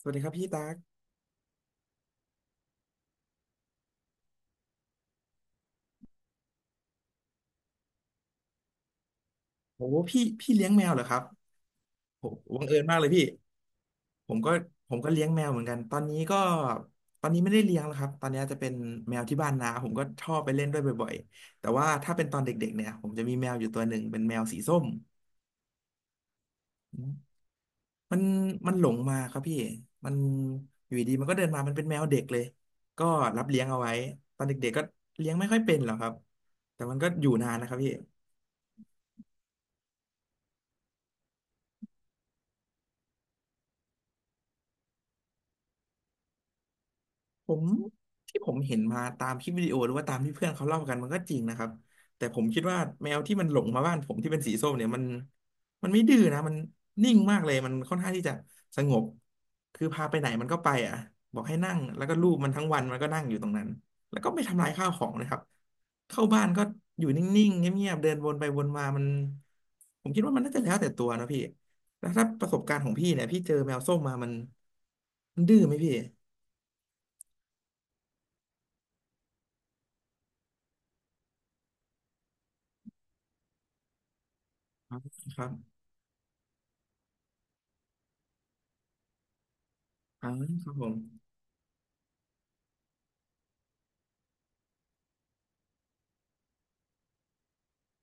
สวัสดีครับพี่ตั๊กโอ้พี่เลี้ยงแมวเหรอครับโหบังเอิญมากเลยพี่ผมก็ผมก็เลี้ยงแมวเหมือนกัน ตอนนี้ไม่ได้เลี้ยงแล้วครับตอนนี้จะเป็นแมวที่บ้านนาผมก็ชอบไปเล่นด้วยบ่อยๆแต่ว่าถ้าเป็นตอนเด็กๆเนี่ยผมจะมีแมวอยู่ตัวหนึ่งเป็นแมวสีส้มมันมันหลงมาครับพี่มันอยู่ดีๆมันก็เดินมามันเป็นแมวเด็กเลย ก็รับเลี้ยงเอาไว้ตอนเด็กๆก็เลี้ยงไม่ค่อยเป็นหรอกครับแต่มันก็อยู่นานนะครับพี่ ผมที่ผมเห็นมาตามคลิปวิดีโอหรือว่าตามที่เพื่อนเขาเล่ากันมันก็จริงนะครับแต่ผมคิดว่าแมวที่มันหลงมาบ้านผมที่เป็นสีส้มเนี่ยมันไม่ดื้อนะมันนิ่งมากเลยมันค่อนข้างที่จะสงบคือพาไปไหนมันก็ไปอ่ะบอกให้นั่งแล้วก็ลูบมันทั้งวันมันก็นั่งอยู่ตรงนั้นแล้วก็ไม่ทำลายข้าวของนะครับเข้าบ้านก็อยู่นิ่งๆเงียบๆเดินวนไปวนมามันผมคิดว่ามันน่าจะแล้วแต่ตัวนะพี่แล้วถ้าประสบการณ์ของพี่เนี่ยพี่เจอแมวส้มมามันดื้อไหมพี่ครับ อ่าครับผม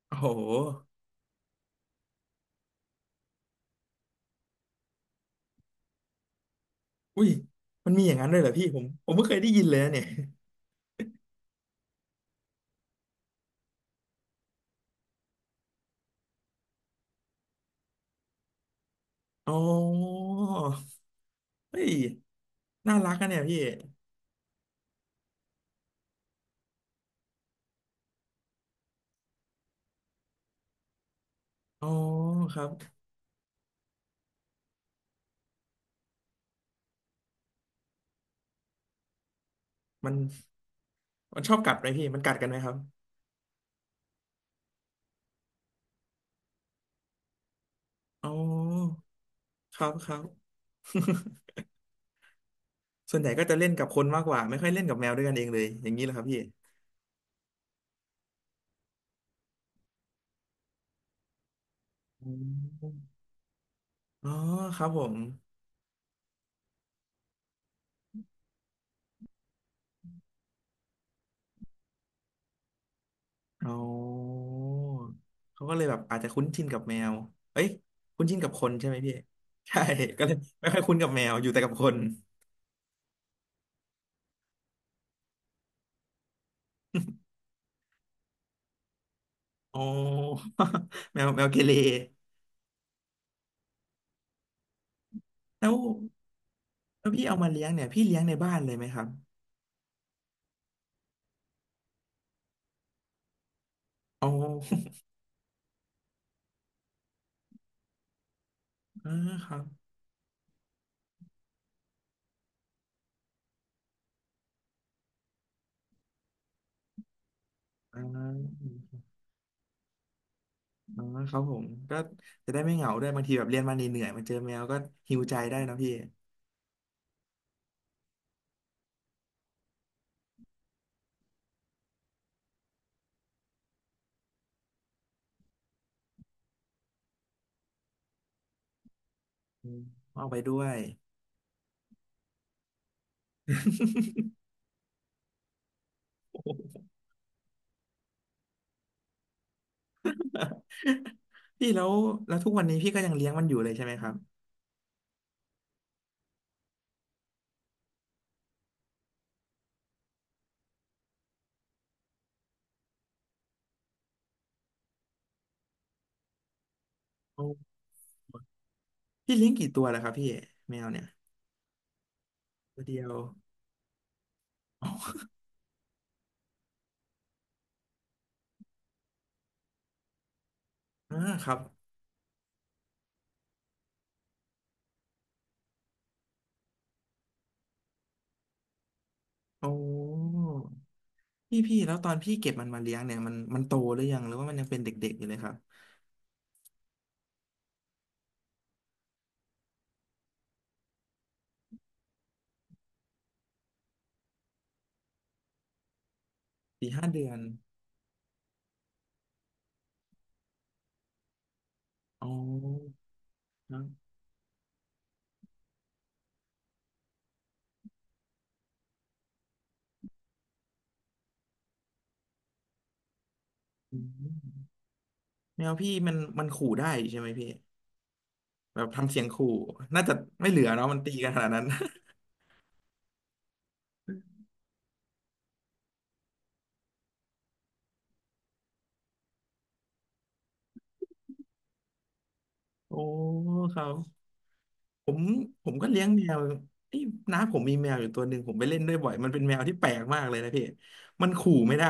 โอ้โหอุ้ยมันมีอย่างนั้นด้วยเหรอพี่ผมไม่เคยได้ยินเลยนะเนี่ยอ๋อเฮ้ยน่ารักอะเนี่ยพี่อ๋อครับมันมันชอบกัดไหมพี่มันกัดกันไหมครับอ๋อครับครับ ส่วนใหญ่ก็จะเล่นกับคนมากกว่าไม่ค่อยเล่นกับแมวด้วยกันเองเลยอย่างนี้เหรอครับพี่อมออ๋อครับผม อ๋อเขาก็เลยแบบอาจจะคุ้นชินกับแมวเอ้ยคุ้นชินกับคนใช่ไหมพี่ ใช่ก็เลยไม่ค่อยคุ้นกับแมวอยู่แต่กับคนอ๋อ แมวเกเรแล้วแล้วพี่เอามาเลี้ยงเนี่ยพี่เลี้ยงในบ้านเลยไหมครับอ๋อ อ่าครับอ่าอ่าครับผมก็จะได้ไม่เหงาด้วยบางทีแบบเรียนมาเหนื่อยๆมาเจอแมวก็หิวใจได้นะพี่อืมเอาไปด้วย พี่แล้วแล้วทุกวันนี้พี่ก็ยังเลี้ยงมันอยู่เลยใช่ไหมครับ เอาพี่เลี้ยงกี่ตัวแล้วครับพี่แมวเนี่ยตัวเดียวอ่าครับโอ้พี่แล้วตอนพี่เก็บมันมาเลี้ยงเนี่ยมันโตหรือยังหรือว่ามันยังเป็นเด็กๆอยู่เลยครับสี่ห้าเดือนอ๋อครับอืมแมวพี่มันขู่ได้ใช่ไหมพี่แบบทำเสียงขู่น่าจะไม่เหลือเนาะมันตีกันขนาดนั้น โอ้ครับผมผมก็เลี้ยงแมวนี่น้าผมมีแมวอยู่ตัวหนึ่งผมไปเล่นด้วยบ่อยมันเป็นแมวที่แปลกมากเลยนะพี่มันขู่ไม่ได้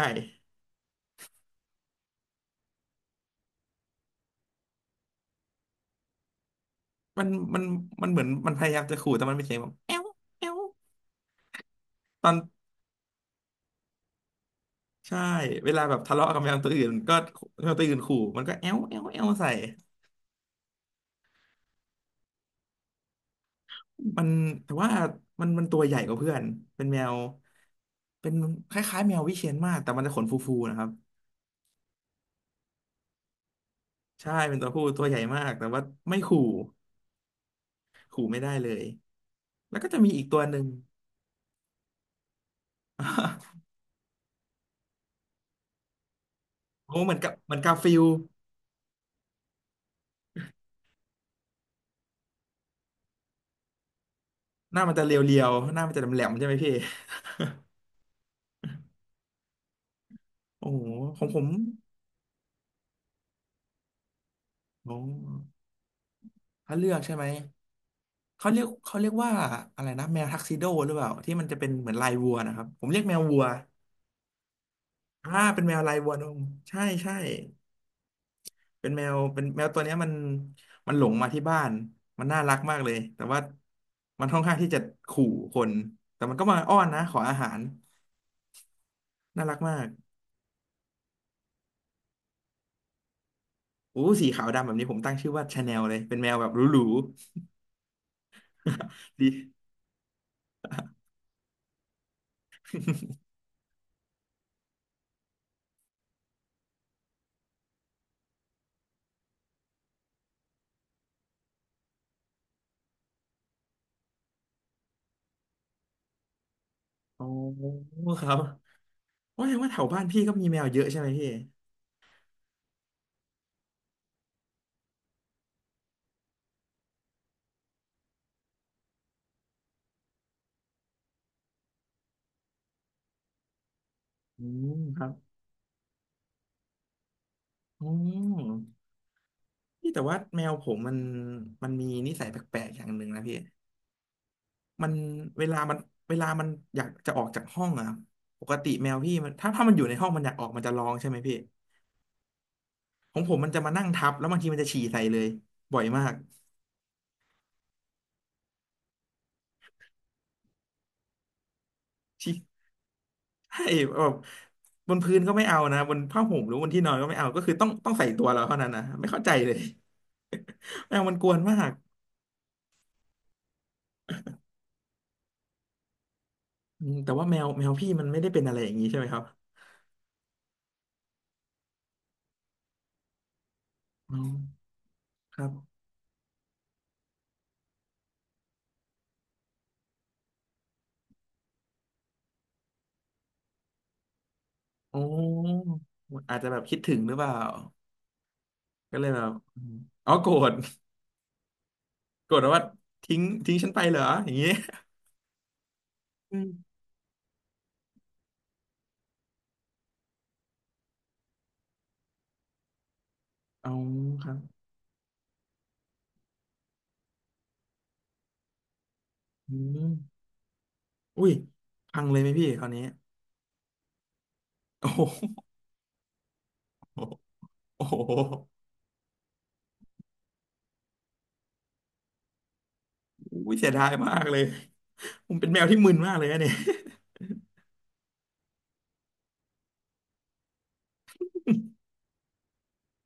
มันมันมันเหมือนมันพยายามจะขู่แต่มันเป็นเสียงแบบแอวแอวตอนใช่เวลาแบบทะเลาะกับแมวตัวอื่นก็แมวตัวอื่นขู่มันก็แอวแอวแอวใส่มันแต่ว่ามันตัวใหญ่กว่าเพื่อนเป็นแมวเป็นคล้ายๆแมววิเชียรมากแต่มันจะขนฟูๆนะครับใช่เป็นตัวผู้ตัวใหญ่มากแต่ว่าไม่ขู่ขู่ไม่ได้เลยแล้วก็จะมีอีกตัวหนึ่ง โอ้เหมือนกับเหมือนกาฟิลด์หน้ามันจะเรียวๆหน้ามันจะแหลมๆใช่ไหมพี่โอ้โหของผมโอ้ เขาเลือกใช่ไหมเขาเรียกว่าอะไรนะแมวทักซิโดหรือเปล่าที่มันจะเป็นเหมือนลายวัวนะครับผมเรียกแมววัวอ่าเป็นแมวลายวัวนมใช่ใช่เป็นแมวตัวเนี้ยมันหลงมาที่บ้านมันน่ารักมากเลยแต่ว่ามันค่อนข้างที่จะขู่คนแต่มันก็มาอ้อนนะขออาหารน่ารักมากอู้สีขาวดำแบบนี้ผมตั้งชื่อว่าชาแนลเลยเป็นแมวแบบหรูๆ ดีอ๋อครับว่าแสดงว่าแถวบ้านพี่ก็มีแมวเยอะใช่ไหมพี่อืมครับ อืมพี่แต่ว่าแมวผมมันมีนิสัยแปลกๆอย่างหนึ่งนะพี่มันเวลามันเวลามันอยากจะออกจากห้องอะปกติแมวพี่มันถ้ามันอยู่ในห้องมันอยากออกมันจะร้องใช่ไหมพี่ของผมมันจะมานั่งทับแล้วบางทีมันจะฉี่ใส่เลยบ่อยมากฉี่ให้แบบบนพื้นก็ไม่เอานะบนผ้าห่มหรือบนที่นอนก็ไม่เอาก็คือต้องใส่ตัวเราเท่านั้นนะไม่เข้าใจเลย แมวมันกวนมากอืมแต่ว่าแมวพี่มันไม่ได้เป็นอะไรอย่างนี้ใช่ไหมครับอ๋อครับ โอ้อาจจะแบบคิดถึงหรือเปล่า ก็เลยแบบอมอ๋อโกรธโกรธว่าทิ้งฉันไปเหรออย่างงี้อืมเอาครับอืมอุ้ยพังเลยไหมพี่คราวนี้โอ้โหโอ้โหอุ้ยเสียดายมากเลยผมเป็นแมวที่มึนมากเลยนะเนี่ย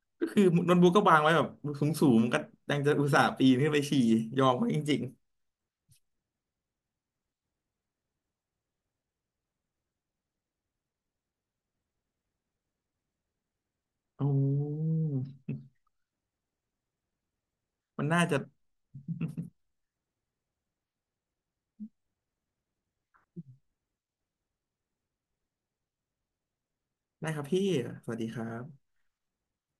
ก็คือโน้ตบุ๊กก็วางไว้แบบสูงสูงก็ยังจะอุตส่าห์ปีนขึ้นไปฉี่ยอมไว้จริงๆโอ้อมันน่าจะได้ครับพี่ สวัสดีครับ